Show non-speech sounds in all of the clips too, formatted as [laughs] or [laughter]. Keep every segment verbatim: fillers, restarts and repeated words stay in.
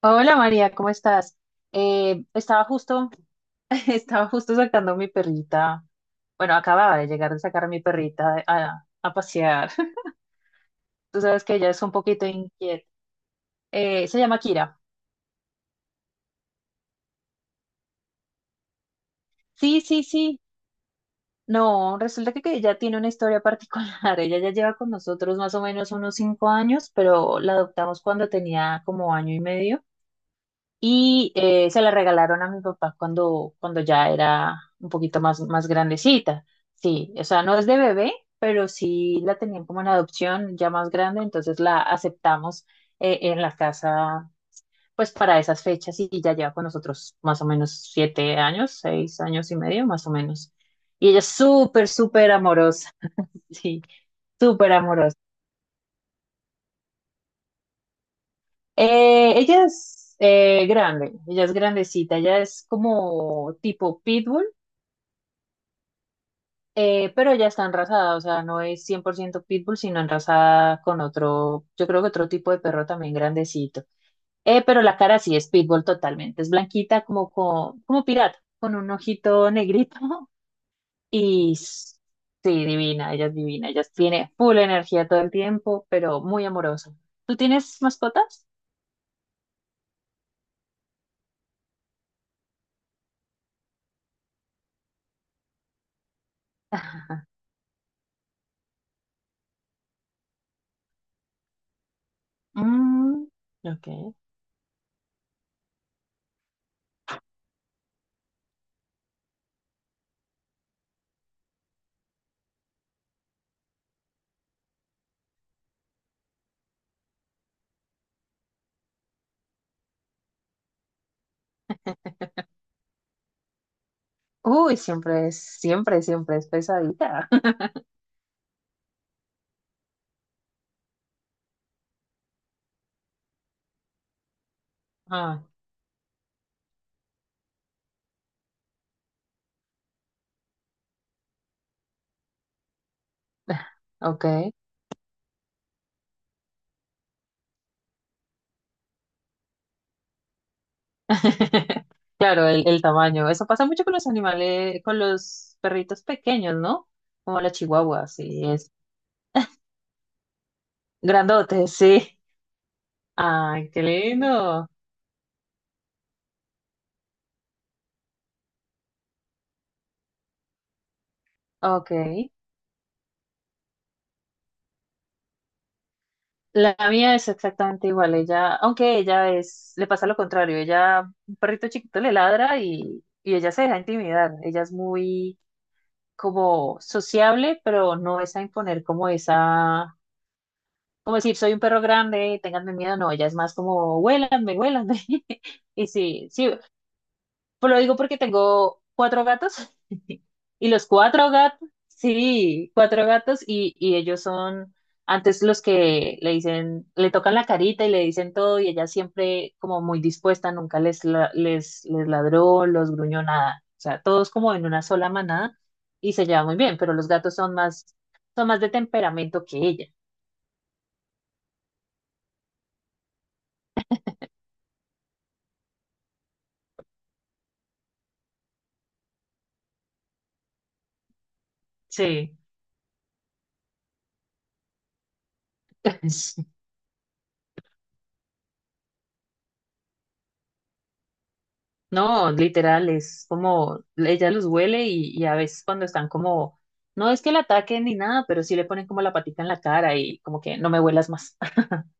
Hola María, ¿cómo estás? Eh, estaba justo, [laughs] estaba justo sacando a mi perrita. Bueno, acababa de llegar de sacar a mi perrita a, a pasear. [laughs] Tú sabes que ella es un poquito inquieta. Eh, se llama Kira. Sí, sí, sí. No, resulta que, que ella tiene una historia particular. [laughs] Ella ya lleva con nosotros más o menos unos cinco años, pero la adoptamos cuando tenía como año y medio. Y eh, se la regalaron a mi papá cuando, cuando ya era un poquito más, más grandecita. Sí, o sea, no es de bebé, pero sí la tenían como en adopción ya más grande, entonces la aceptamos eh, en la casa pues para esas fechas y ya lleva con nosotros más o menos siete años, seis años y medio más o menos. Y ella es súper, súper amorosa, [laughs] sí, súper amorosa. Eh, ella es eh, grande, ella es grandecita, ella es como tipo pitbull. Eh, pero ya está enrasada, o sea, no es cien por ciento pitbull, sino enrasada con otro, yo creo que otro tipo de perro también grandecito. Eh, pero la cara sí es pitbull totalmente, es blanquita como, co- como pirata, con un ojito negrito. [laughs] y s- sí, divina, ella es divina, ella tiene full energía todo el tiempo, pero muy amorosa. ¿Tú tienes mascotas? [laughs] Mm, ok. Uy, siempre es, siempre, siempre es pesadita. [laughs] Ah, ok. [laughs] Claro, el, el tamaño. Eso pasa mucho con los animales, con los perritos pequeños, ¿no? Como la chihuahua, sí, es grandote. [laughs] Sí. Ay, qué lindo. Ok. La mía es exactamente igual. Ella, aunque ella es, le pasa lo contrario. Ella, un perrito chiquito le ladra y, y ella se deja intimidar. Ella es muy como sociable, pero no es a imponer como esa. Como decir, soy un perro grande, ténganme miedo, no, ella es más como, huélanme, huélanme. [laughs] Y sí, sí, pues lo digo porque tengo cuatro gatos [laughs] y los cuatro gatos, sí, cuatro gatos y, y ellos son antes los que le dicen, le tocan la carita y le dicen todo y ella siempre como muy dispuesta, nunca les, la- les, les ladró, los gruñó nada. O sea, todos como en una sola manada y se lleva muy bien, pero los gatos son más, son más de temperamento que ella. Sí. [laughs] No, literal, es como ella los huele y, y a veces cuando están como, no es que la ataquen ni nada, pero sí le ponen como la patita en la cara y como que no me huelas más. [laughs]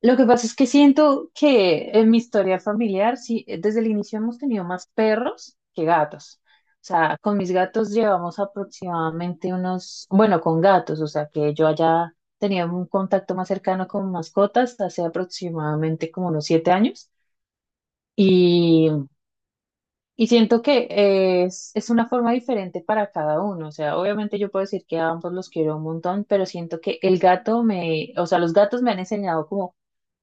Lo que pasa es que siento que en mi historia familiar, sí, desde el inicio hemos tenido más perros que gatos. O sea, con mis gatos llevamos aproximadamente unos, bueno, con gatos, o sea, que yo haya tenido un contacto más cercano con mascotas hace aproximadamente como unos siete años. Y siento que eh, es, es una forma diferente para cada uno. O sea, obviamente yo puedo decir que a ambos los quiero un montón, pero siento que el gato me, o sea, los gatos me han enseñado como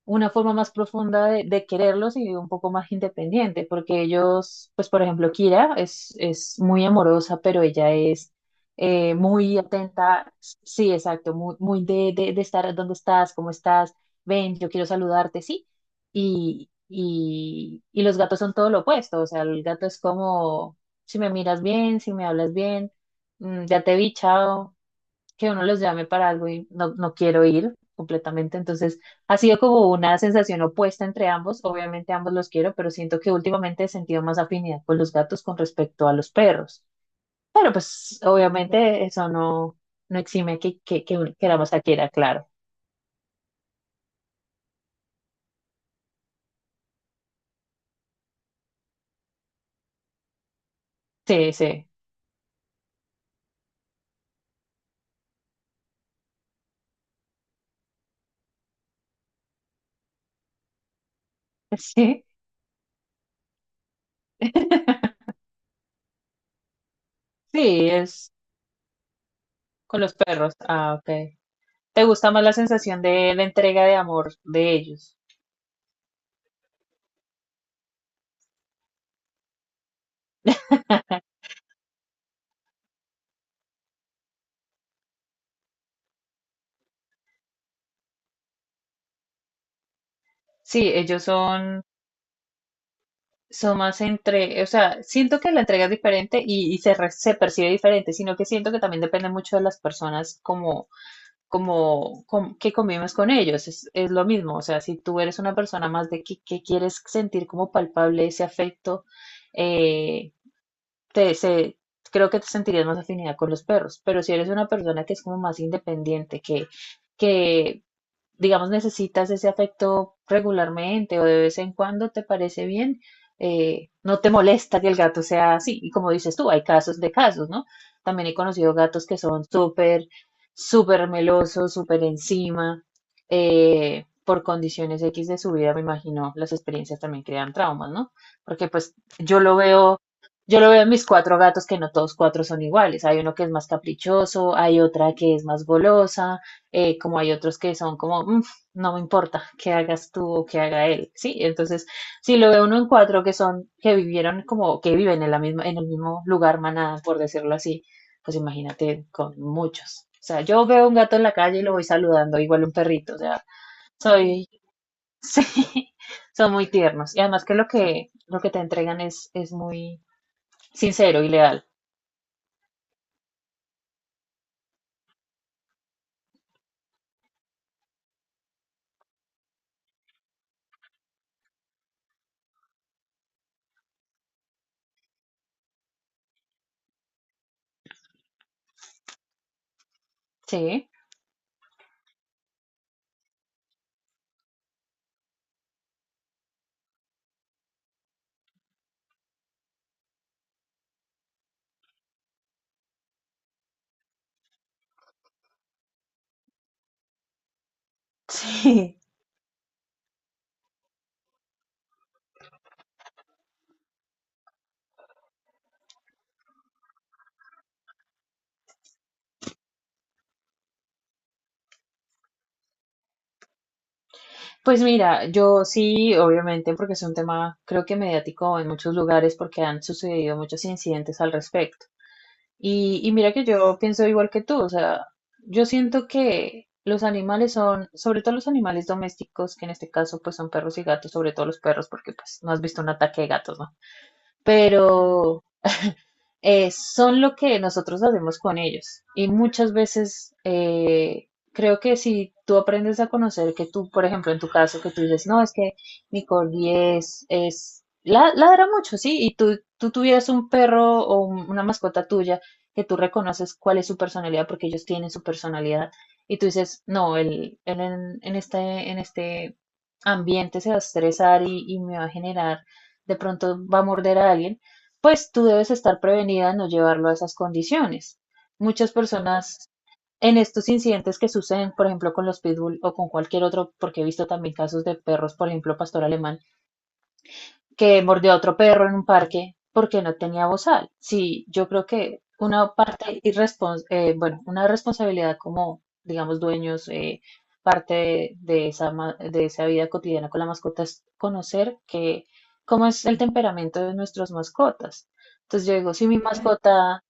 una forma más profunda de, de quererlos y un poco más independiente, porque ellos, pues por ejemplo, Kira es, es muy amorosa, pero ella es eh, muy atenta, sí, exacto, muy, muy de, de, de estar, ¿dónde estás? ¿Cómo estás? Ven, yo quiero saludarte, sí. Y, y, y los gatos son todo lo opuesto, o sea, el gato es como, si me miras bien, si me hablas bien, mm, ya te vi, chao, que uno los llame para algo y no, no quiero ir completamente. Entonces, ha sido como una sensación opuesta entre ambos. Obviamente ambos los quiero, pero siento que últimamente he sentido más afinidad con los gatos con respecto a los perros. Pero pues obviamente eso no, no exime que, que, que uno queramos a Kira, claro. Sí, sí, sí. [laughs] Sí, es con los perros. Ah, ok. ¿Te gusta más la sensación de la entrega de amor de ellos? [laughs] Sí, ellos son... son más entre, o sea, siento que la entrega es diferente y, y se, re- se percibe diferente, sino que siento que también depende mucho de las personas como, como, com- que convives con ellos, es, es lo mismo, o sea, si tú eres una persona más de que, que quieres sentir como palpable ese afecto, eh, te, se, creo que te sentirías más afinidad con los perros, pero si eres una persona que es como más independiente, que, que digamos, necesitas ese afecto regularmente o de vez en cuando, ¿te parece bien? Eh, no te molesta que el gato sea así. Y como dices tú, hay casos de casos, ¿no? También he conocido gatos que son súper, súper melosos, súper encima, eh, por condiciones X de su vida, me imagino, las experiencias también crean traumas, ¿no? Porque pues yo lo veo, yo lo veo en mis cuatro gatos que no todos cuatro son iguales. Hay uno que es más caprichoso, hay otra que es más golosa, eh, como hay otros que son como, "Mm, no me importa que hagas tú o que haga él", ¿sí? Entonces, si lo ve uno en cuatro que son, que vivieron como, que viven en la misma, en el mismo lugar, manada, por decirlo así, pues imagínate con muchos. O sea, yo veo un gato en la calle y lo voy saludando, igual un perrito, o sea, soy, [laughs] sí, son muy tiernos. Y además que lo que, lo que te entregan es, es muy sincero y leal, ¿sí? [laughs] Sí. Pues mira, yo sí, obviamente, porque es un tema, creo que mediático en muchos lugares, porque han sucedido muchos incidentes al respecto. Y, y mira que yo pienso igual que tú, o sea, yo siento que los animales son, sobre todo los animales domésticos, que en este caso pues son perros y gatos, sobre todo los perros, porque pues no has visto un ataque de gatos, ¿no? Pero eh, son lo que nosotros hacemos con ellos. Y muchas veces eh, creo que si tú aprendes a conocer que tú, por ejemplo, en tu caso, que tú dices, no, es que mi Nicole es, es la- ladra mucho, sí, y tú, tú tuvieras un perro o un- una mascota tuya que tú reconoces cuál es su personalidad, porque ellos tienen su personalidad, y tú dices, no, él, él en, en este, en este ambiente se va a estresar y, y me va a generar, de pronto va a morder a alguien, pues tú debes estar prevenida, no llevarlo a esas condiciones. Muchas personas en estos incidentes que suceden, por ejemplo, con los pitbull o con cualquier otro, porque he visto también casos de perros, por ejemplo, pastor alemán, que mordió a otro perro en un parque porque no tenía bozal. Sí, yo creo que una parte irrespons eh, bueno, una responsabilidad como, digamos, dueños, eh, parte de, de esa, ma- de esa vida cotidiana con la mascota es conocer que, cómo es el temperamento de nuestras mascotas. Entonces yo digo, si mi Ujú. Mascota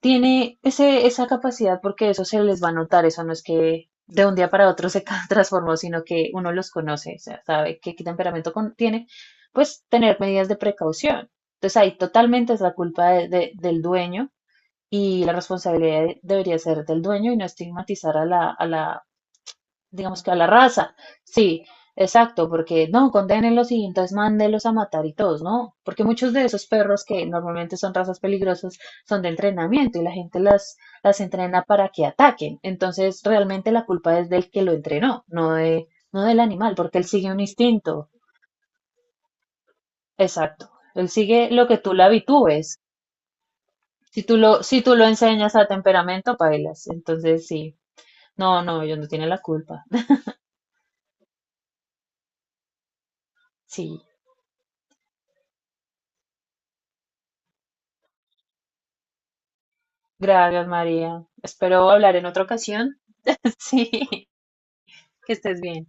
tiene ese, esa capacidad porque eso se les va a notar, eso no es que de un día para otro se ca- [laughs] transformó, sino que uno los conoce, o sea, sabe qué, qué temperamento con- tiene, pues tener medidas de precaución. Entonces ahí totalmente es la culpa de- de- del dueño y la responsabilidad de- debería ser del dueño y no estigmatizar a la, a la digamos que a la raza. Sí, exacto, porque no, condenenlos y entonces mándenlos a matar y todos, ¿no? Porque muchos de esos perros que normalmente son razas peligrosas son de entrenamiento y la gente las, las entrena para que ataquen. Entonces, realmente la culpa es del que lo entrenó, no de, no del animal, porque él sigue un instinto. Exacto. Él sigue lo que tú le habitúes. Si tú lo, si tú lo enseñas a temperamento, bailas. Entonces, sí. No, no, ellos no tienen la culpa. Sí. Gracias, María. Espero hablar en otra ocasión. [laughs] Sí, que estés bien.